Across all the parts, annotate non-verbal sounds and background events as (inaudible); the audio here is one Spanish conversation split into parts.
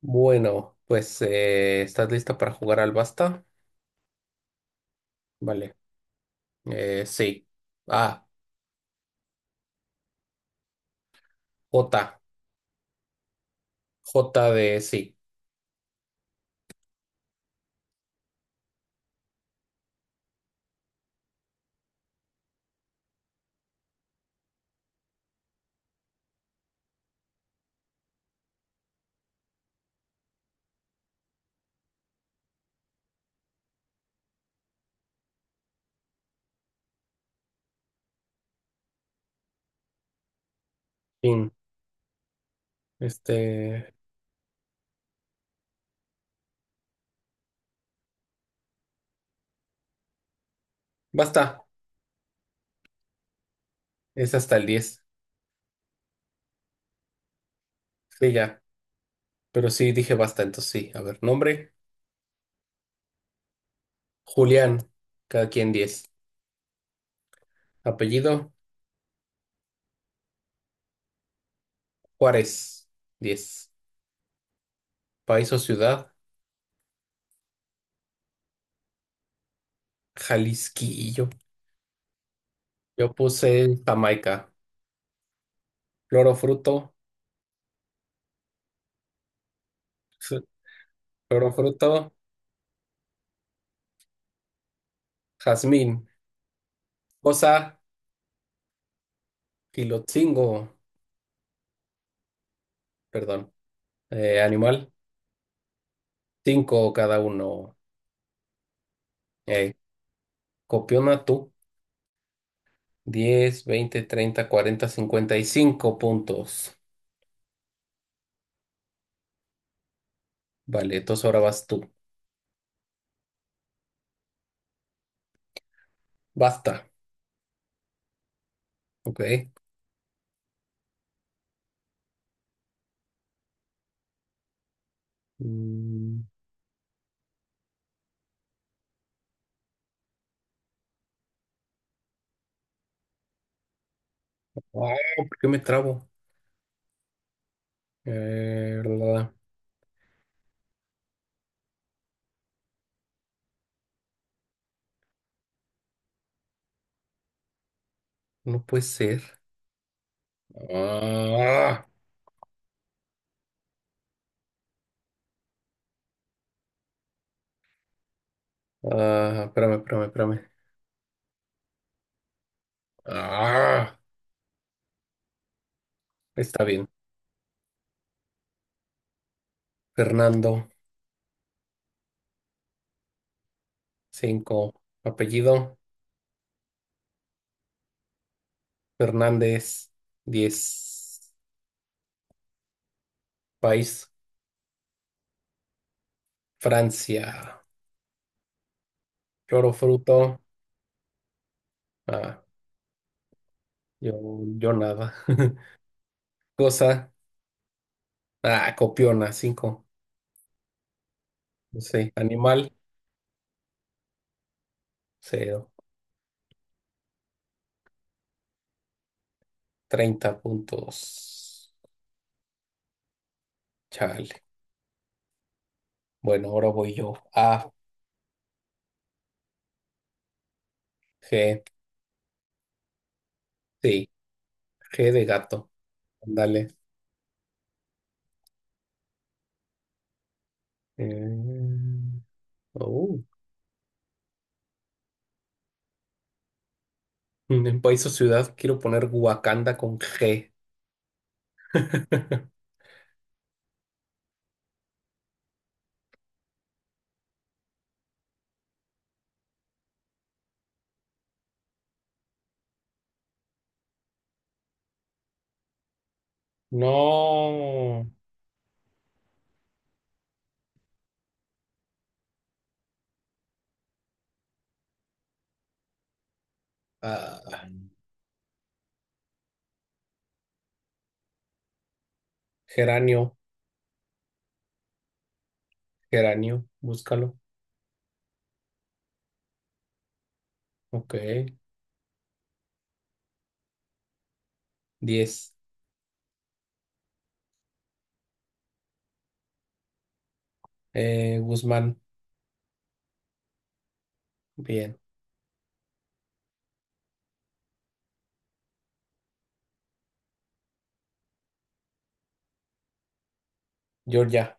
Bueno, pues ¿estás lista para jugar al basta? Vale. Sí. Ah, J. J de sí. Fin. Este. Basta. Es hasta el 10. Sí, ya. Pero sí dije basta, entonces sí. A ver, nombre. Julián. Cada quien 10. Apellido. Juárez. 10. País o ciudad. Jalisquillo. Yo puse Jamaica. Flor o fruto. Flor o fruto. Jazmín. Cosa. Quilotzingo. Perdón, animal, cinco cada uno. Eh, Copiona tú, 10, 20, 30, 40, 55 puntos. Vale, entonces ahora vas tú. Basta, ok. Mm, ah, ¿Por qué me trabo? Eh, la- no puede ser. Ah, Espérame, espérame, espérame. Ah, Está bien. Fernando. Cinco. Apellido, Fernández. 10. País, Francia. Lloro fruto. Ah, yo, yo nada. (laughs) Cosa. Copiona, cinco. No sé. Animal, cero. 30 puntos. Chale. Bueno, ahora voy yo. A, G. Sí, G de gato. Dale. En país o ciudad quiero poner Wakanda con G. (laughs) No. Ah, Geranio, geranio. Búscalo. Ok. 10. Guzmán. Bien. Georgia.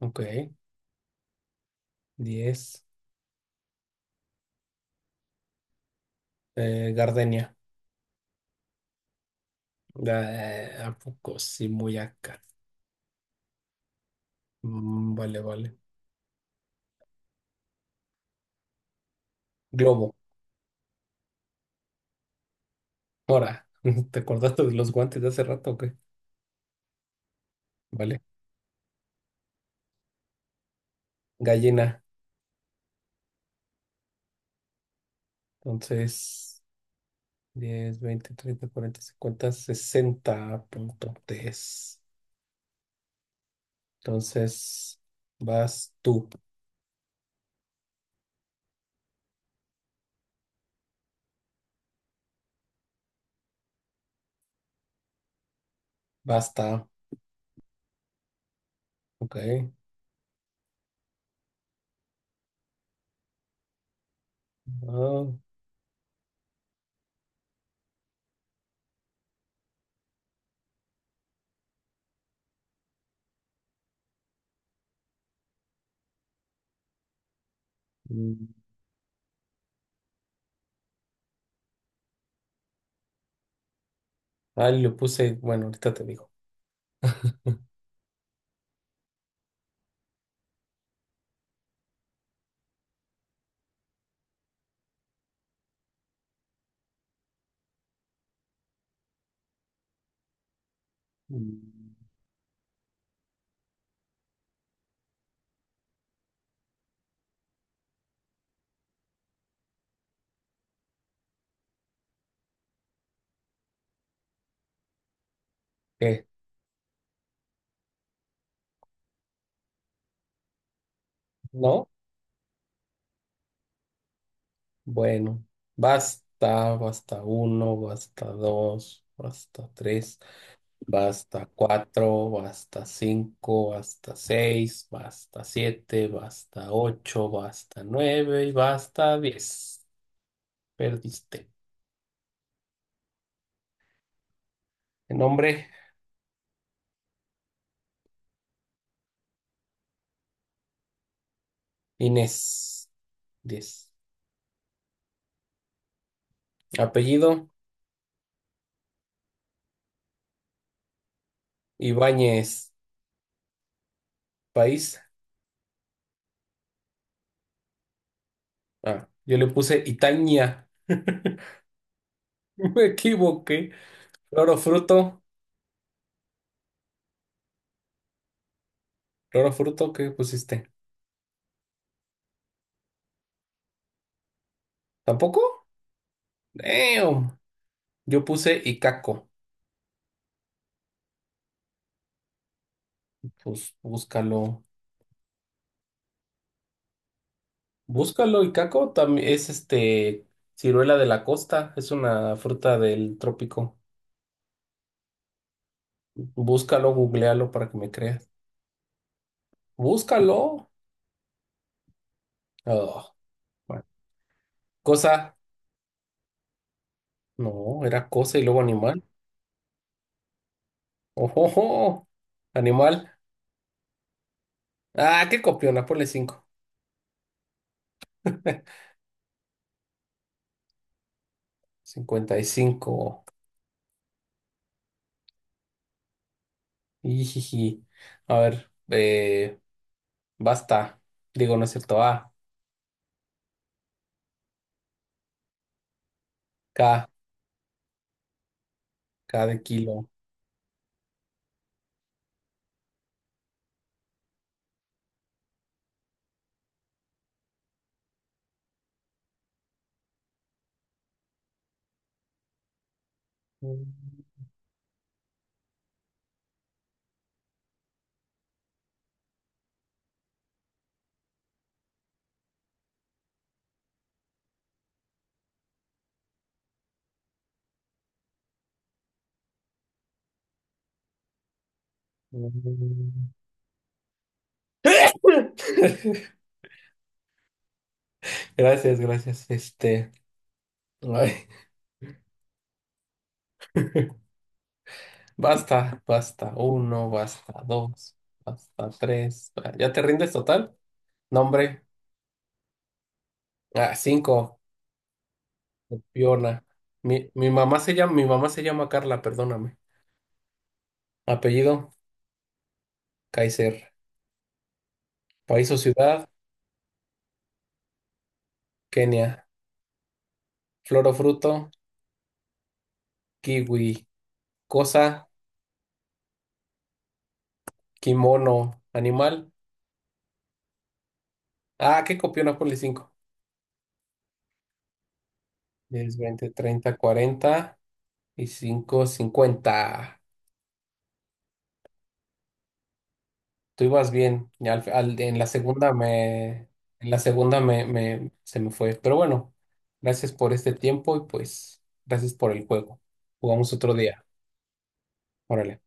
Ok. Diez. Gardenia. ¿A poco sí, muy acá? Mm, vale, vale. Globo. Ahora, (laughs) ¿te acordaste de los guantes de hace rato o qué? Vale. Gallina. Entonces, 10, 20, treinta, cuarenta, cincuenta, 60 punto tres. Entonces, vas tú. Basta. Ok. Ah, mm, Le puse, bueno, ahorita te digo. Mm, ¿Qué? ¿No? Bueno, basta, basta uno, basta dos, basta tres, basta cuatro, basta cinco, basta seis, basta siete, basta ocho, basta nueve y basta 10. Perdiste. Nombre, Inés. 10. Apellido, Ibáñez. País, yo le puse Itaña. (laughs) Me equivoqué. Roro fruto, roro fruto, ¿qué pusiste? ¿Tampoco? Damn. Yo puse Icaco. Pues búscalo. Búscalo, Icaco. También es ciruela de la costa. Es una fruta del trópico. Búscalo, googlealo para que me creas. Búscalo. Oh, bueno. Cosa. No, era cosa y luego animal. Ojo, animal. Qué copiona, ponle cinco. (laughs) 55. Ijiji. A ver, basta. Digo, no es cierto. A, K. K de kilo. (laughs) Gracias, gracias. Ay, (laughs) basta, basta uno, basta dos, basta tres. ¿Ya te rindes total? Nombre. Cinco. Piona. Mi mamá se llama, mi mamá se llama Carla, perdóname. Apellido, Kaiser. País o ciudad, Kenia. Flor o fruto, kiwi. Cosa, kimono. Animal. Qué copiona, ponle cinco. 10, 20, 30, cuarenta y cinco, 50. Tú ibas bien. Y en la segunda me, en la segunda me se me fue. Pero bueno, gracias por este tiempo y pues gracias por el juego. Jugamos otro día. Órale.